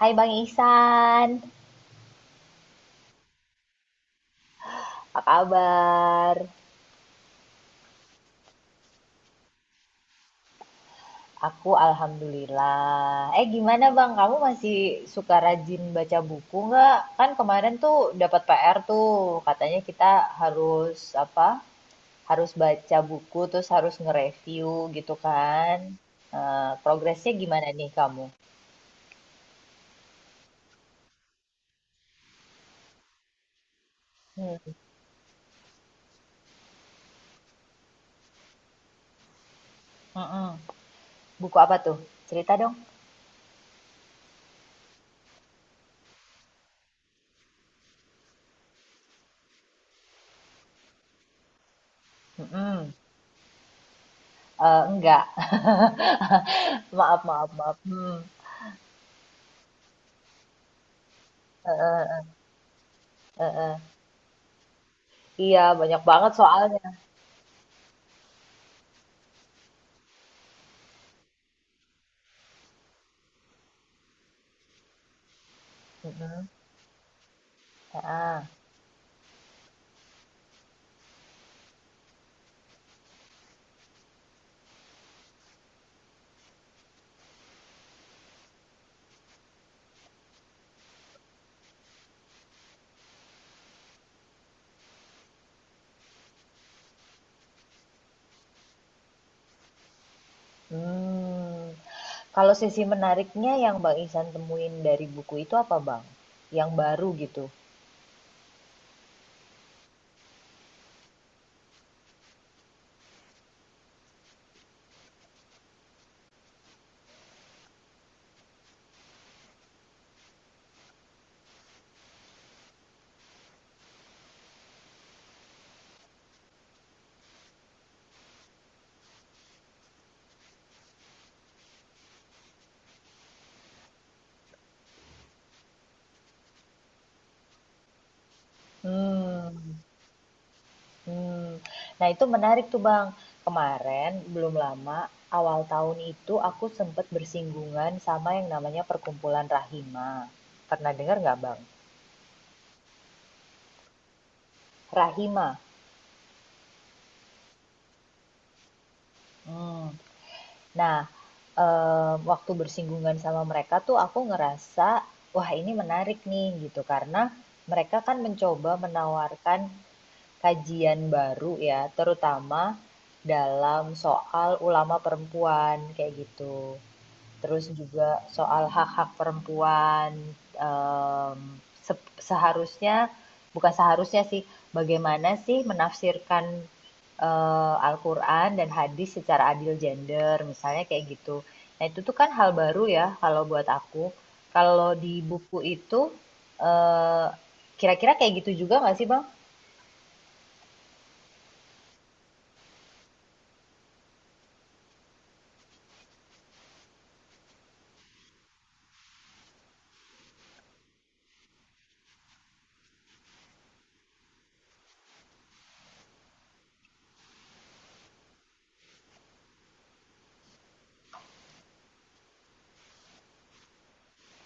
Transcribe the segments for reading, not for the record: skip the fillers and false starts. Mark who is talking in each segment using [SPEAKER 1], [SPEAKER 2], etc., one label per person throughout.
[SPEAKER 1] Hai Bang Ihsan, apa kabar? Aku alhamdulillah. Eh gimana Bang, kamu masih suka rajin baca buku nggak? Kan kemarin tuh dapat PR tuh, katanya kita harus apa? Harus baca buku terus harus nge-review gitu kan. Eh, progresnya gimana nih kamu? Hmm. Mm-mm. Buku apa tuh? Cerita dong. Mm-mm. Eh, enggak. Maaf, maaf, maaf. Hmm. Eh, eh, eh, eh, eh. Iya, banyak banget soalnya. Mhm, heeh. Mmm. Kalau sisi menariknya yang Bang Ihsan temuin dari buku itu apa, Bang? Yang baru gitu? Hmm, mmm. Nah, itu menarik tuh, Bang. Kemarin belum lama, awal tahun itu aku sempet bersinggungan sama yang namanya perkumpulan Rahima. Pernah dengar nggak, Bang? Rahima, mmm. Nah, waktu bersinggungan sama mereka tuh aku ngerasa, wah ini menarik nih gitu, karena mereka kan mencoba menawarkan kajian baru ya, terutama dalam soal ulama perempuan, kayak gitu, terus juga soal hak-hak perempuan em, seharusnya, bukan seharusnya sih, bagaimana sih menafsirkan Al-Qur'an dan hadis secara adil gender misalnya kayak gitu. Nah, itu tuh kan hal baru ya kalau buat aku. Kalau di buku itu eh, kira-kira kayak gitu juga nggak sih, Bang?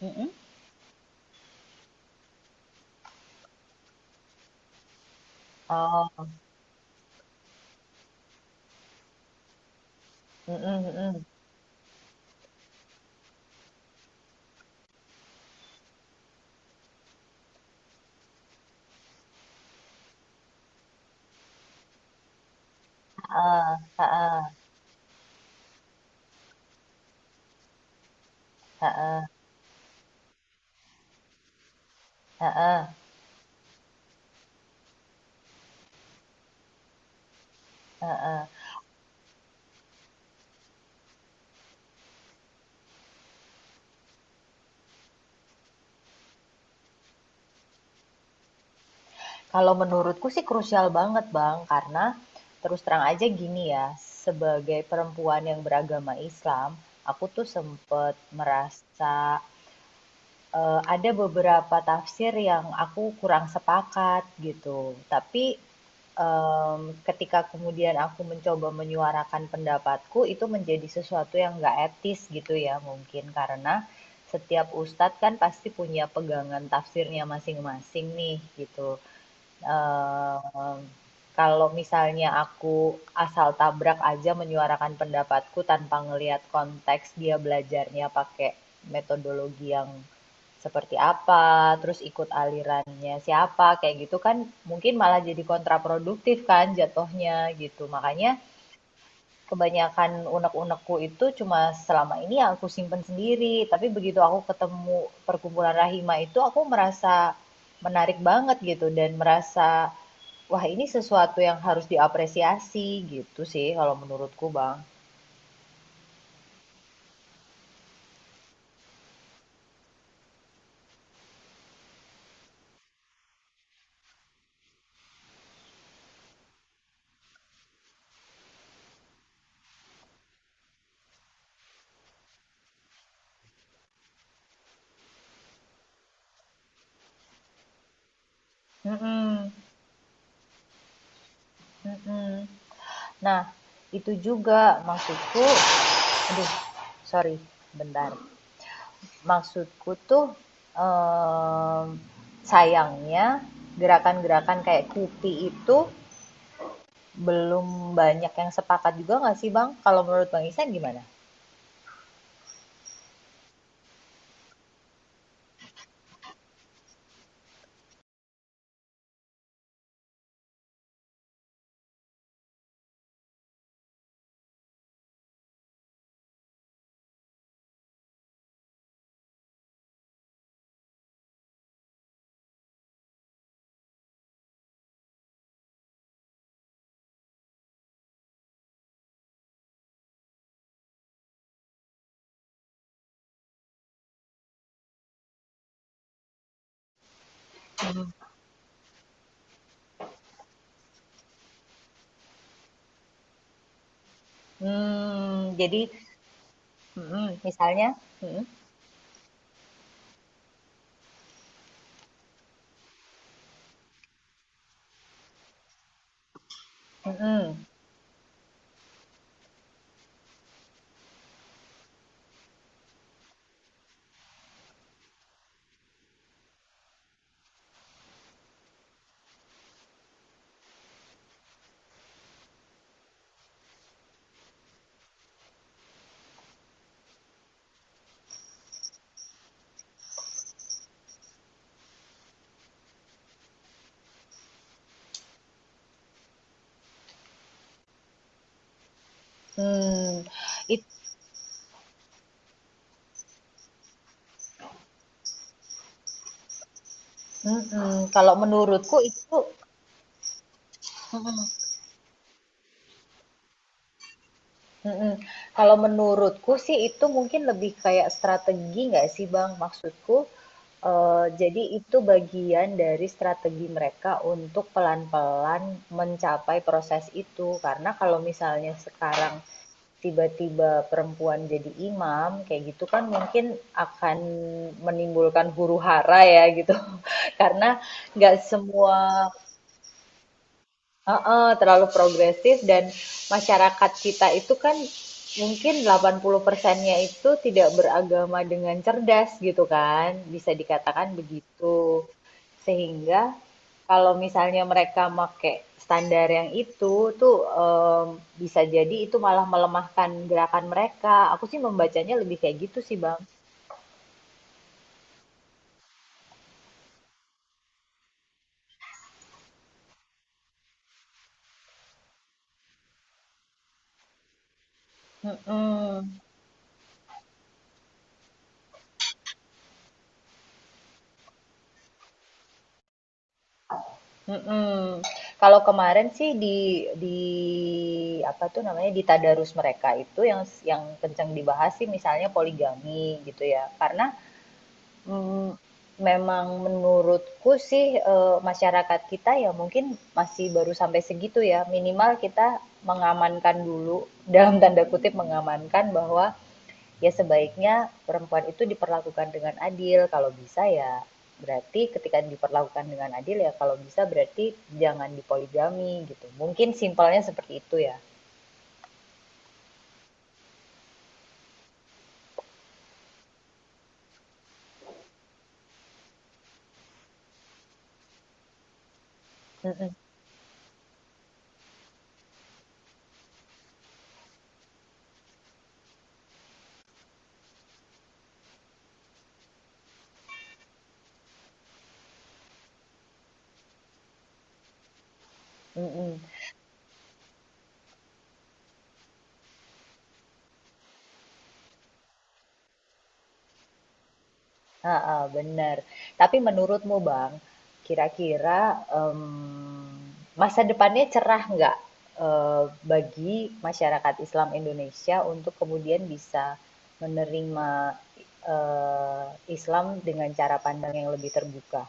[SPEAKER 1] Mm-mm. Oh, mm, mm, mm. Ha-ah, ha-ah, ha-ah, ha-ah, ha-ah. Kalau menurutku sih krusial banget, Bang. Karena terus terang aja gini ya, sebagai perempuan yang beragama Islam, aku tuh sempet merasa ada beberapa tafsir yang aku kurang sepakat gitu. Tapi em, ketika kemudian aku mencoba menyuarakan pendapatku, itu menjadi sesuatu yang nggak etis gitu ya, mungkin karena setiap ustadz kan pasti punya pegangan tafsirnya masing-masing nih gitu. Eee, Kalau misalnya aku asal tabrak aja menyuarakan pendapatku tanpa ngelihat konteks dia belajarnya pakai metodologi yang seperti apa, terus ikut alirannya siapa, kayak gitu kan mungkin malah jadi kontraproduktif kan jatuhnya gitu. Makanya kebanyakan unek-unekku itu cuma selama ini ya aku simpen sendiri. Tapi begitu aku ketemu perkumpulan Rahima itu aku merasa menarik banget gitu, dan merasa wah ini sesuatu yang harus diapresiasi gitu sih kalau menurutku Bang. Mm-mm. Mm-mm. Nah, itu juga maksudku, aduh, sorry, bentar. Maksudku tuh em, sayangnya gerakan-gerakan kayak Kupi itu belum banyak yang sepakat juga nggak sih, Bang? Kalau menurut Bang Ihsan gimana? Mmm, jadi. Mhm, misalnya. Mhm. Mhm. Mmm. It. Mhm. Kalau menurutku itu. Mhm. Mhm. Kalau menurutku sih itu mungkin lebih kayak strategi nggak sih, Bang? Maksudku, jadi itu bagian dari strategi mereka untuk pelan-pelan mencapai proses itu. Karena kalau misalnya sekarang tiba-tiba perempuan jadi imam kayak gitu kan mungkin akan menimbulkan huru hara ya gitu. Karena nggak semua, heeh, terlalu progresif, dan masyarakat kita itu kan mungkin 80%-nya itu tidak beragama dengan cerdas gitu kan, bisa dikatakan begitu. Sehingga kalau misalnya mereka make standar yang itu tuh, bisa jadi itu malah melemahkan gerakan mereka. Aku sih membacanya lebih kayak gitu sih, Bang. Mm-mm. Mhm. Kalau kemarin sih di apa tuh namanya, di tadarus mereka itu yang kencang dibahas sih misalnya poligami gitu ya. Karena, mmm, memang menurutku sih, masyarakat kita ya mungkin masih baru sampai segitu ya. Minimal kita mengamankan dulu, dalam tanda kutip "mengamankan", bahwa ya sebaiknya perempuan itu diperlakukan dengan adil. Kalau bisa ya, berarti ketika diperlakukan dengan adil ya kalau bisa berarti jangan dipoligami gitu. Mungkin simpelnya seperti itu ya. Mm-mm. Mm-mm. Ha, ha, bener. Tapi menurutmu Bang, kira-kira em, masa depannya cerah nggak eh, bagi masyarakat Islam Indonesia untuk kemudian bisa menerima eh, Islam dengan cara pandang yang lebih terbuka?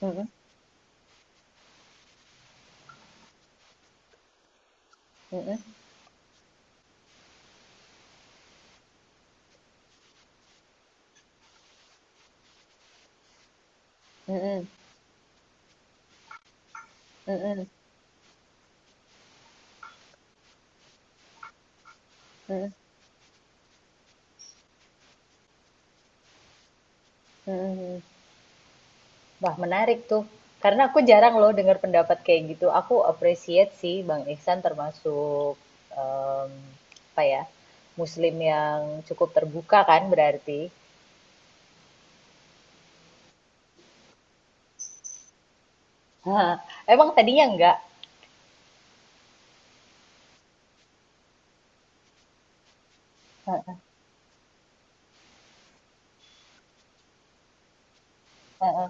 [SPEAKER 1] Mhm, mhm, mhm, mhm, mhm, mhm. Wah, menarik tuh. Karena aku jarang loh dengar pendapat kayak gitu. Aku appreciate sih Bang Iksan termasuk, em, apa ya? Muslim yang cukup terbuka kan berarti. Hah, emang tadinya enggak? Heeh.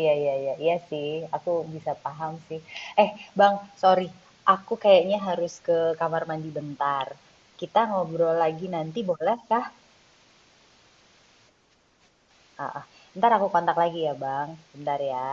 [SPEAKER 1] Iya, iya, iya, iya sih. Aku bisa paham sih. Eh, Bang, sorry. Aku kayaknya harus ke kamar mandi bentar. Kita ngobrol lagi nanti boleh kah? Heeh. Entar aku kontak lagi ya, Bang. Bentar ya.